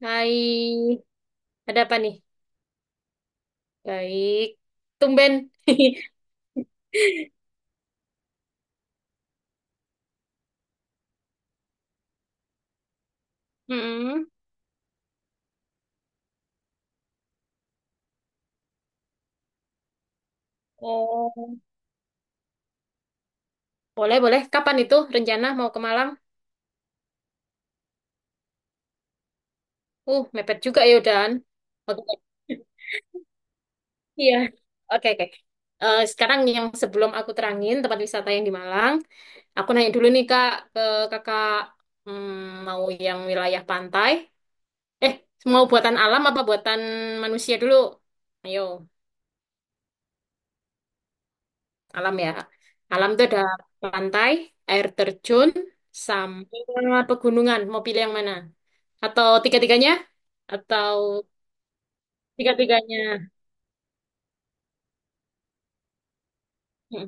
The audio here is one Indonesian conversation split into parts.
Hai, ada apa nih? Baik, tumben. Mm-mm. Oh, boleh, boleh. Kapan itu rencana mau ke Malang? Mepet juga ya udahan. Oke, iya. Oke, oke. Sekarang yang sebelum aku terangin tempat wisata yang di Malang, aku nanya dulu nih Kak, ke Kakak mau yang wilayah pantai? Eh, Mau buatan alam apa buatan manusia dulu? Ayo. Alam ya. Alam itu ada pantai, air terjun, sama pegunungan. Mau pilih yang mana? Atau tiga-tiganya? Atau tiga-tiganya? Hmm.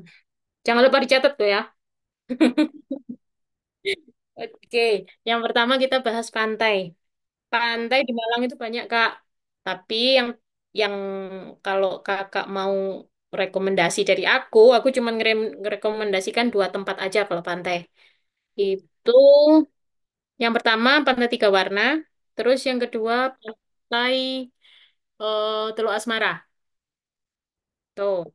Jangan lupa dicatat tuh ya. Oke, yang pertama kita bahas pantai. Pantai di Malang itu banyak, Kak. Tapi yang kalau Kakak mau rekomendasi dari aku cuma ngerekomendasikan dua tempat aja kalau pantai. Itu Yang pertama Pantai Tiga Warna, terus yang kedua Pantai Teluk Asmara. Tuh.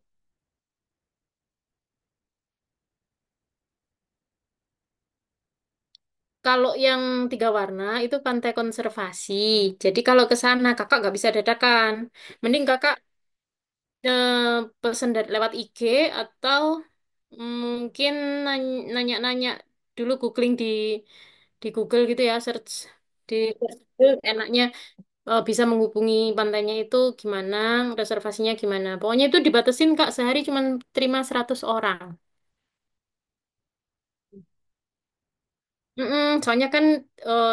Kalau yang tiga warna itu pantai konservasi. Jadi kalau ke sana kakak nggak bisa dadakan. Mending kakak eh, lewat IG atau mungkin nanya-nanya dulu, googling di Google gitu ya, search di Google enaknya bisa menghubungi pantainya itu gimana, reservasinya gimana. Pokoknya itu dibatasin Kak, sehari cuma terima 100 orang. Mm-mm, soalnya kan eh,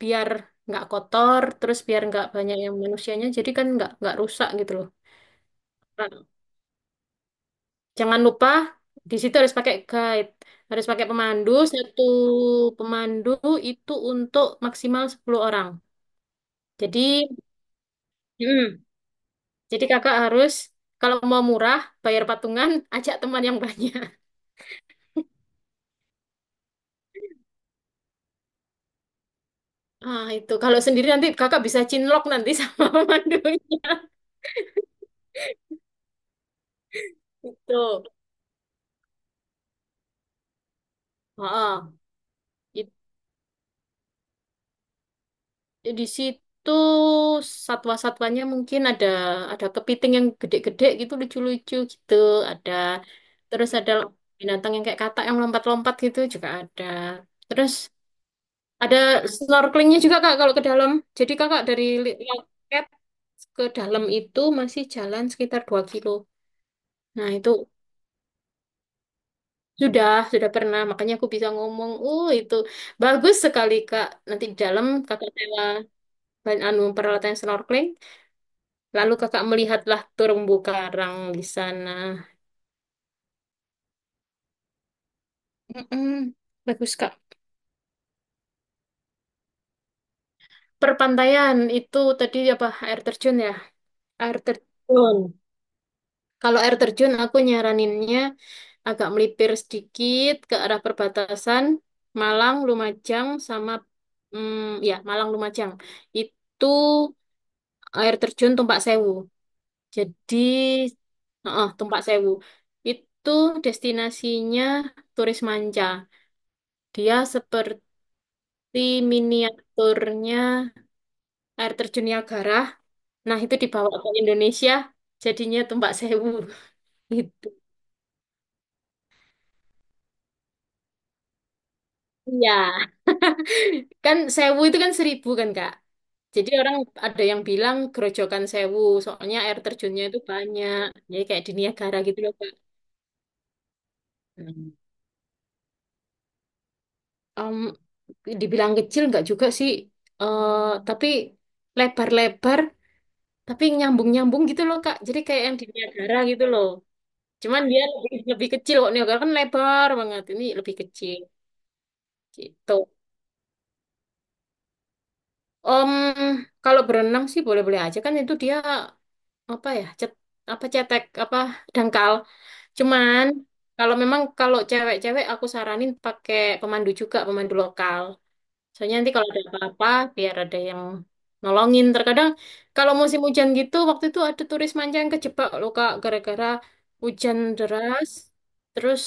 biar nggak kotor, terus biar nggak banyak yang manusianya, jadi kan nggak rusak gitu loh. Nah, jangan lupa di situ harus pakai guide, harus pakai pemandu. Satu pemandu itu untuk maksimal 10 orang. Jadi, mm, jadi kakak harus kalau mau murah, bayar patungan, ajak teman yang banyak. Ah, itu kalau sendiri nanti kakak bisa cinlok nanti sama pemandunya. Itu. Heeh. itu Di situ satwa-satwanya mungkin ada kepiting yang gede-gede gitu lucu-lucu gitu, ada ada binatang yang kayak katak yang lompat-lompat gitu juga ada. Terus ada snorkelingnya juga Kak kalau ke dalam. Jadi Kakak dari Loket ke dalam itu masih jalan sekitar 2 kilo. Nah, sudah pernah. Makanya aku bisa ngomong, itu bagus sekali Kak. Nanti di dalam kakak sewa ban- anu peralatan snorkeling, lalu kakak melihatlah terumbu karang di sana. Mm-mm. Bagus, Kak. Perpantaian itu tadi apa air terjun ya? Air terjun. Kalau air terjun aku nyaraninnya agak melipir sedikit ke arah perbatasan Malang, Lumajang sama ya Malang Lumajang. Itu air terjun Tumpak Sewu. Jadi, heeh, Tumpak Sewu itu destinasinya turis manca. Dia seperti miniaturnya air terjun Niagara. Nah, itu dibawa ke Indonesia, jadinya Tumpak Sewu. Gitu. Iya, kan Sewu itu kan seribu kan, Kak? Jadi orang ada yang bilang gerojokan Sewu, soalnya air terjunnya itu banyak. Jadi kayak di Niagara gitu loh, Kak. Hmm. Dibilang kecil nggak juga sih, eh tapi lebar-lebar tapi nyambung-nyambung gitu loh Kak, jadi kayak yang di Niagara gitu loh, cuman dia lebih, lebih kecil kok. Niagara kan lebar banget, ini lebih kecil gitu. Om, kalau berenang sih boleh-boleh aja, kan itu dia apa ya, cetek, apa dangkal, cuman kalau memang kalau cewek-cewek aku saranin pakai pemandu juga, pemandu lokal. Soalnya nanti kalau ada apa-apa, biar ada yang nolongin. Terkadang kalau musim hujan gitu, waktu itu ada turis manca yang kejebak loh Kak, gara-gara hujan deras, terus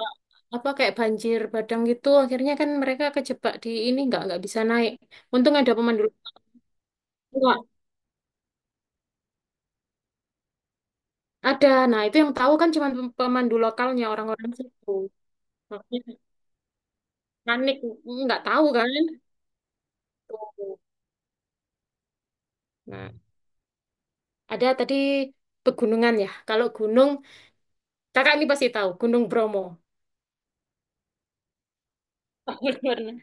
eh, apa kayak banjir bandang gitu. Akhirnya kan mereka kejebak di ini, nggak bisa naik. Untung ada pemandu lokal. Ada. Nah itu yang tahu kan cuma pemandu lokalnya, orang-orang situ. Makanya panik nggak tahu kan. Tuh. Nah ada tadi pegunungan ya. Kalau gunung, Kakak ini pasti tahu Gunung Bromo. Bener-bener.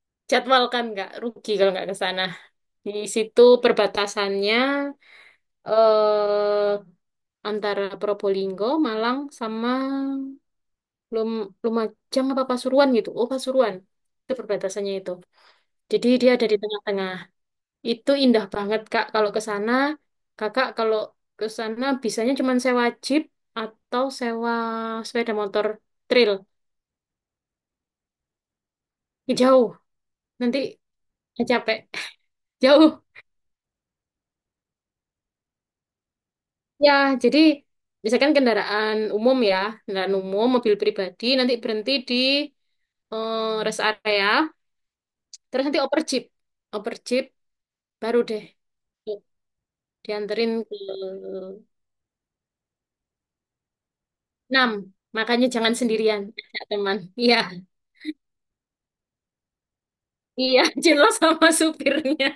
Jadwalkan, nggak rugi kalau nggak ke sana. Di situ perbatasannya eh antara Probolinggo, Malang sama Lum Lumajang apa Pasuruan gitu. Oh, Pasuruan. Itu perbatasannya itu. Jadi dia ada di tengah-tengah. Itu indah banget, Kak. Kalau ke sana, Kakak kalau ke sana bisanya cuma sewa jeep atau sewa sepeda motor trail. Jauh. Nanti capek. Jauh. Ya, jadi misalkan kendaraan umum ya, kendaraan umum, mobil pribadi, nanti berhenti di eh, rest area, terus nanti oper jeep, baru deh tuh, dianterin ke enam. Makanya jangan sendirian, ajak teman. Iya, iya, jelas sama supirnya.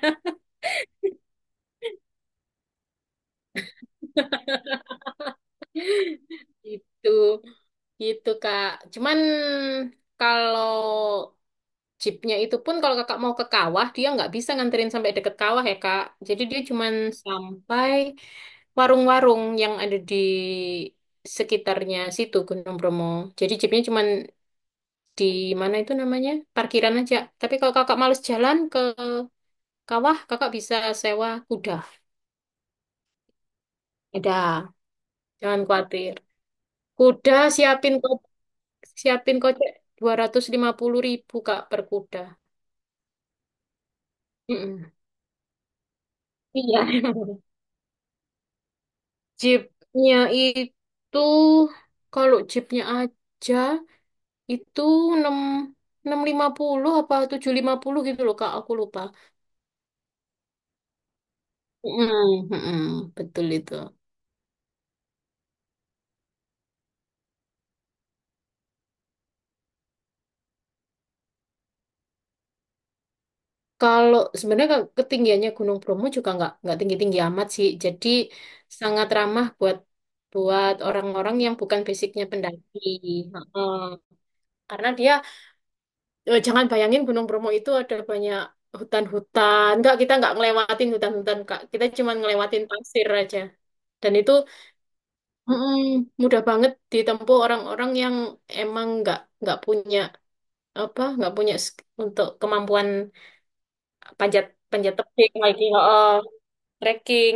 Gitu, gitu Kak. Cuman kalau Jeepnya itu pun kalau kakak mau ke kawah, dia nggak bisa nganterin sampai deket kawah ya kak. Jadi dia cuman sampai warung-warung yang ada di sekitarnya situ Gunung Bromo. Jadi jeepnya cuman di mana itu namanya? Parkiran aja. Tapi kalau kakak males jalan ke kawah, kakak bisa sewa kuda. Ada, jangan khawatir. Kuda siapin kocek 250.000 kak per kuda. Mm-mm. Iya. Jeepnya itu, kalau jeepnya aja itu enam, enam lima puluh apa tujuh lima puluh gitu loh Kak, aku lupa. Mm, mm, betul itu. Kalau sebenarnya ketinggiannya Gunung Bromo juga nggak tinggi-tinggi amat sih. Jadi sangat ramah buat buat orang-orang yang bukan basicnya pendaki. Heeh. Karena dia jangan bayangin Gunung Bromo itu ada banyak hutan-hutan. Enggak, kita nggak ngelewatin hutan-hutan, Kak. Kita cuma ngelewatin pasir aja. Dan itu mm, mudah banget ditempuh orang-orang yang emang nggak punya apa, nggak punya untuk kemampuan panjat, panjat tebing lagi, oh, trekking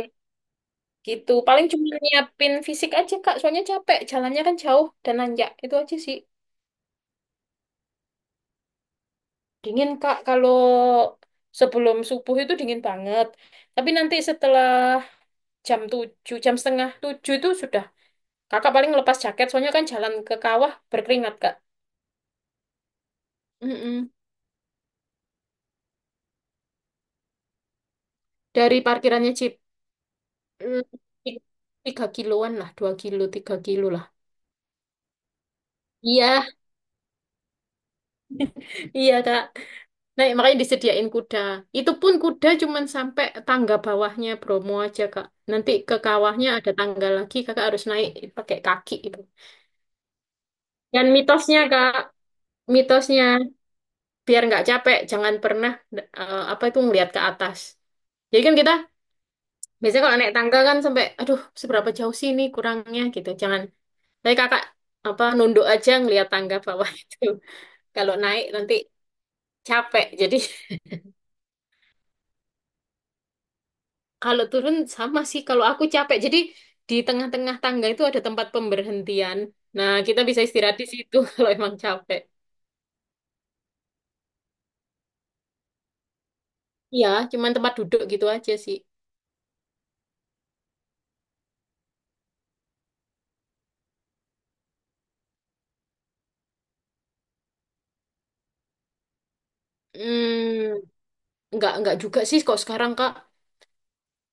gitu. Paling cuma nyiapin fisik aja, Kak. Soalnya capek, jalannya kan jauh dan nanjak. Itu aja sih. Dingin, Kak, kalau sebelum subuh itu dingin banget. Tapi nanti setelah jam 7, jam setengah 7 itu sudah. Kakak paling lepas jaket, soalnya kan jalan ke kawah berkeringat, Kak. Mm-mm. Dari parkirannya Jeep. Hmm, ti- tiga kiloan lah, 2 kilo, 3 kilo lah. Iya, iya, Kak. Nah, makanya disediain kuda. Itu pun kuda cuman sampai tangga bawahnya Bromo aja, Kak. Nanti ke kawahnya ada tangga lagi, Kakak harus naik pakai kaki itu. Dan mitosnya, Kak, mitosnya biar nggak capek, jangan pernah apa itu ngelihat ke atas. Jadi kan kita Biasanya kalau naik tangga kan sampai, aduh, seberapa jauh sih ini kurangnya gitu. Jangan. Tapi kakak apa nunduk aja ngelihat tangga bawah itu. Kalau naik nanti capek. Jadi kalau turun sama sih. Kalau aku capek. Jadi di tengah-tengah tangga itu ada tempat pemberhentian. Nah, kita bisa istirahat di situ kalau emang capek. Iya, cuman tempat duduk gitu aja sih. Hmm, nggak juga sih kok sekarang Kak.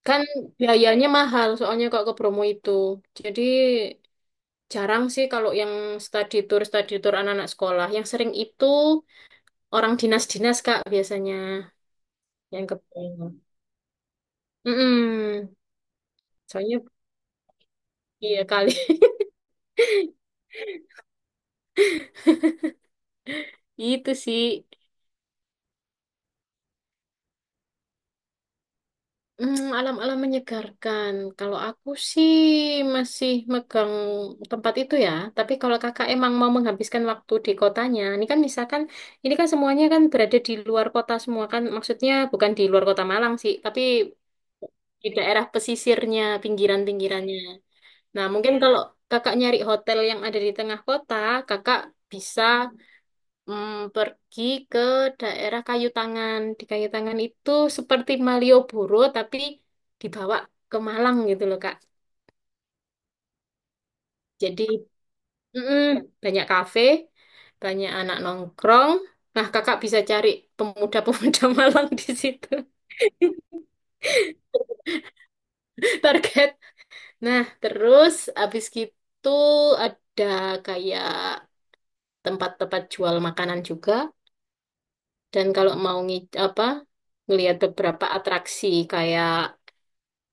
Kan biayanya mahal soalnya kok ke Bromo itu. Jadi jarang sih kalau yang study tour anak-anak sekolah. Yang sering itu orang dinas-dinas, Kak, biasanya yang kebayang. Mm-mm. Soalnya iya kali. Itu sih alam-alam menyegarkan. Kalau aku sih masih megang tempat itu ya. Tapi kalau kakak emang mau menghabiskan waktu di kotanya, ini kan misalkan ini kan semuanya kan berada di luar kota semua kan. Maksudnya bukan di luar kota Malang sih, tapi di daerah pesisirnya, pinggiran-pinggirannya. Nah, mungkin kalau kakak nyari hotel yang ada di tengah kota, kakak bisa pergi ke daerah Kayu Tangan. Di Kayu Tangan itu seperti Malioboro, tapi dibawa ke Malang gitu loh, Kak. Jadi, mm, banyak kafe, banyak anak nongkrong. Nah, kakak bisa cari pemuda-pemuda Malang di situ. Target. Nah, terus habis gitu ada kayak tempat-tempat jual makanan juga. Dan kalau mau ngi apa ngelihat beberapa atraksi kayak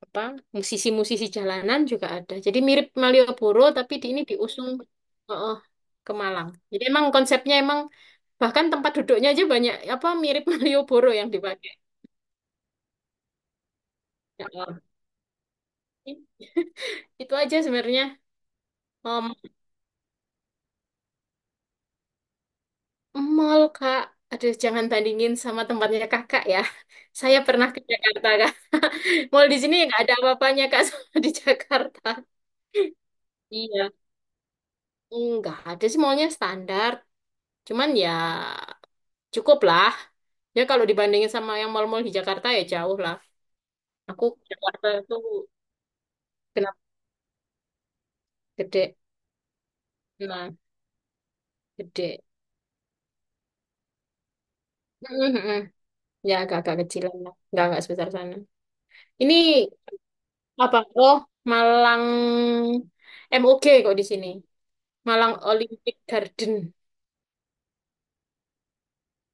apa musisi-musisi jalanan juga ada. Jadi mirip Malioboro tapi di ini diusung oh, oh, ke Malang. Jadi emang konsepnya emang bahkan tempat duduknya aja banyak apa mirip Malioboro yang dipakai. Ya Allah. Itu aja sebenarnya. Om, mall Kak. Aduh, jangan bandingin sama tempatnya Kakak ya. Saya pernah ke Jakarta, Kak. Mall di sini nggak ada apa-apanya, Kak, sama di Jakarta. Iya. Enggak, ada sih mallnya standar. Cuman ya cukup lah. Ya kalau dibandingin sama yang mall-mall di Jakarta ya jauh lah. Aku ke Jakarta itu kenapa gede. Nah, gede. Mhm. Ya agak-agak kecilan lah. Enggak sebesar sana. Ini apa? Oh, Malang MOG kok di sini. Malang Olympic Garden.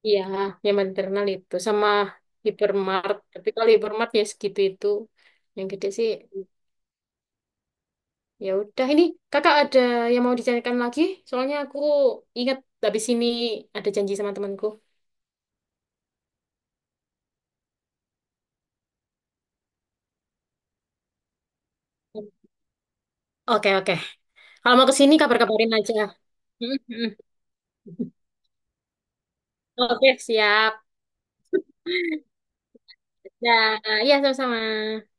Iya, yang maternal itu. Sama Hypermart. Tapi kalau Hypermart ya segitu itu. Yang gede sih ya udah ini kakak ada yang mau dicarikan lagi? Soalnya aku ingat habis ini ada janji sama temanku. Oke oke. Kalau mau ke sini kabar-kabarin aja. Oke siap. Ya, ya sama-sama.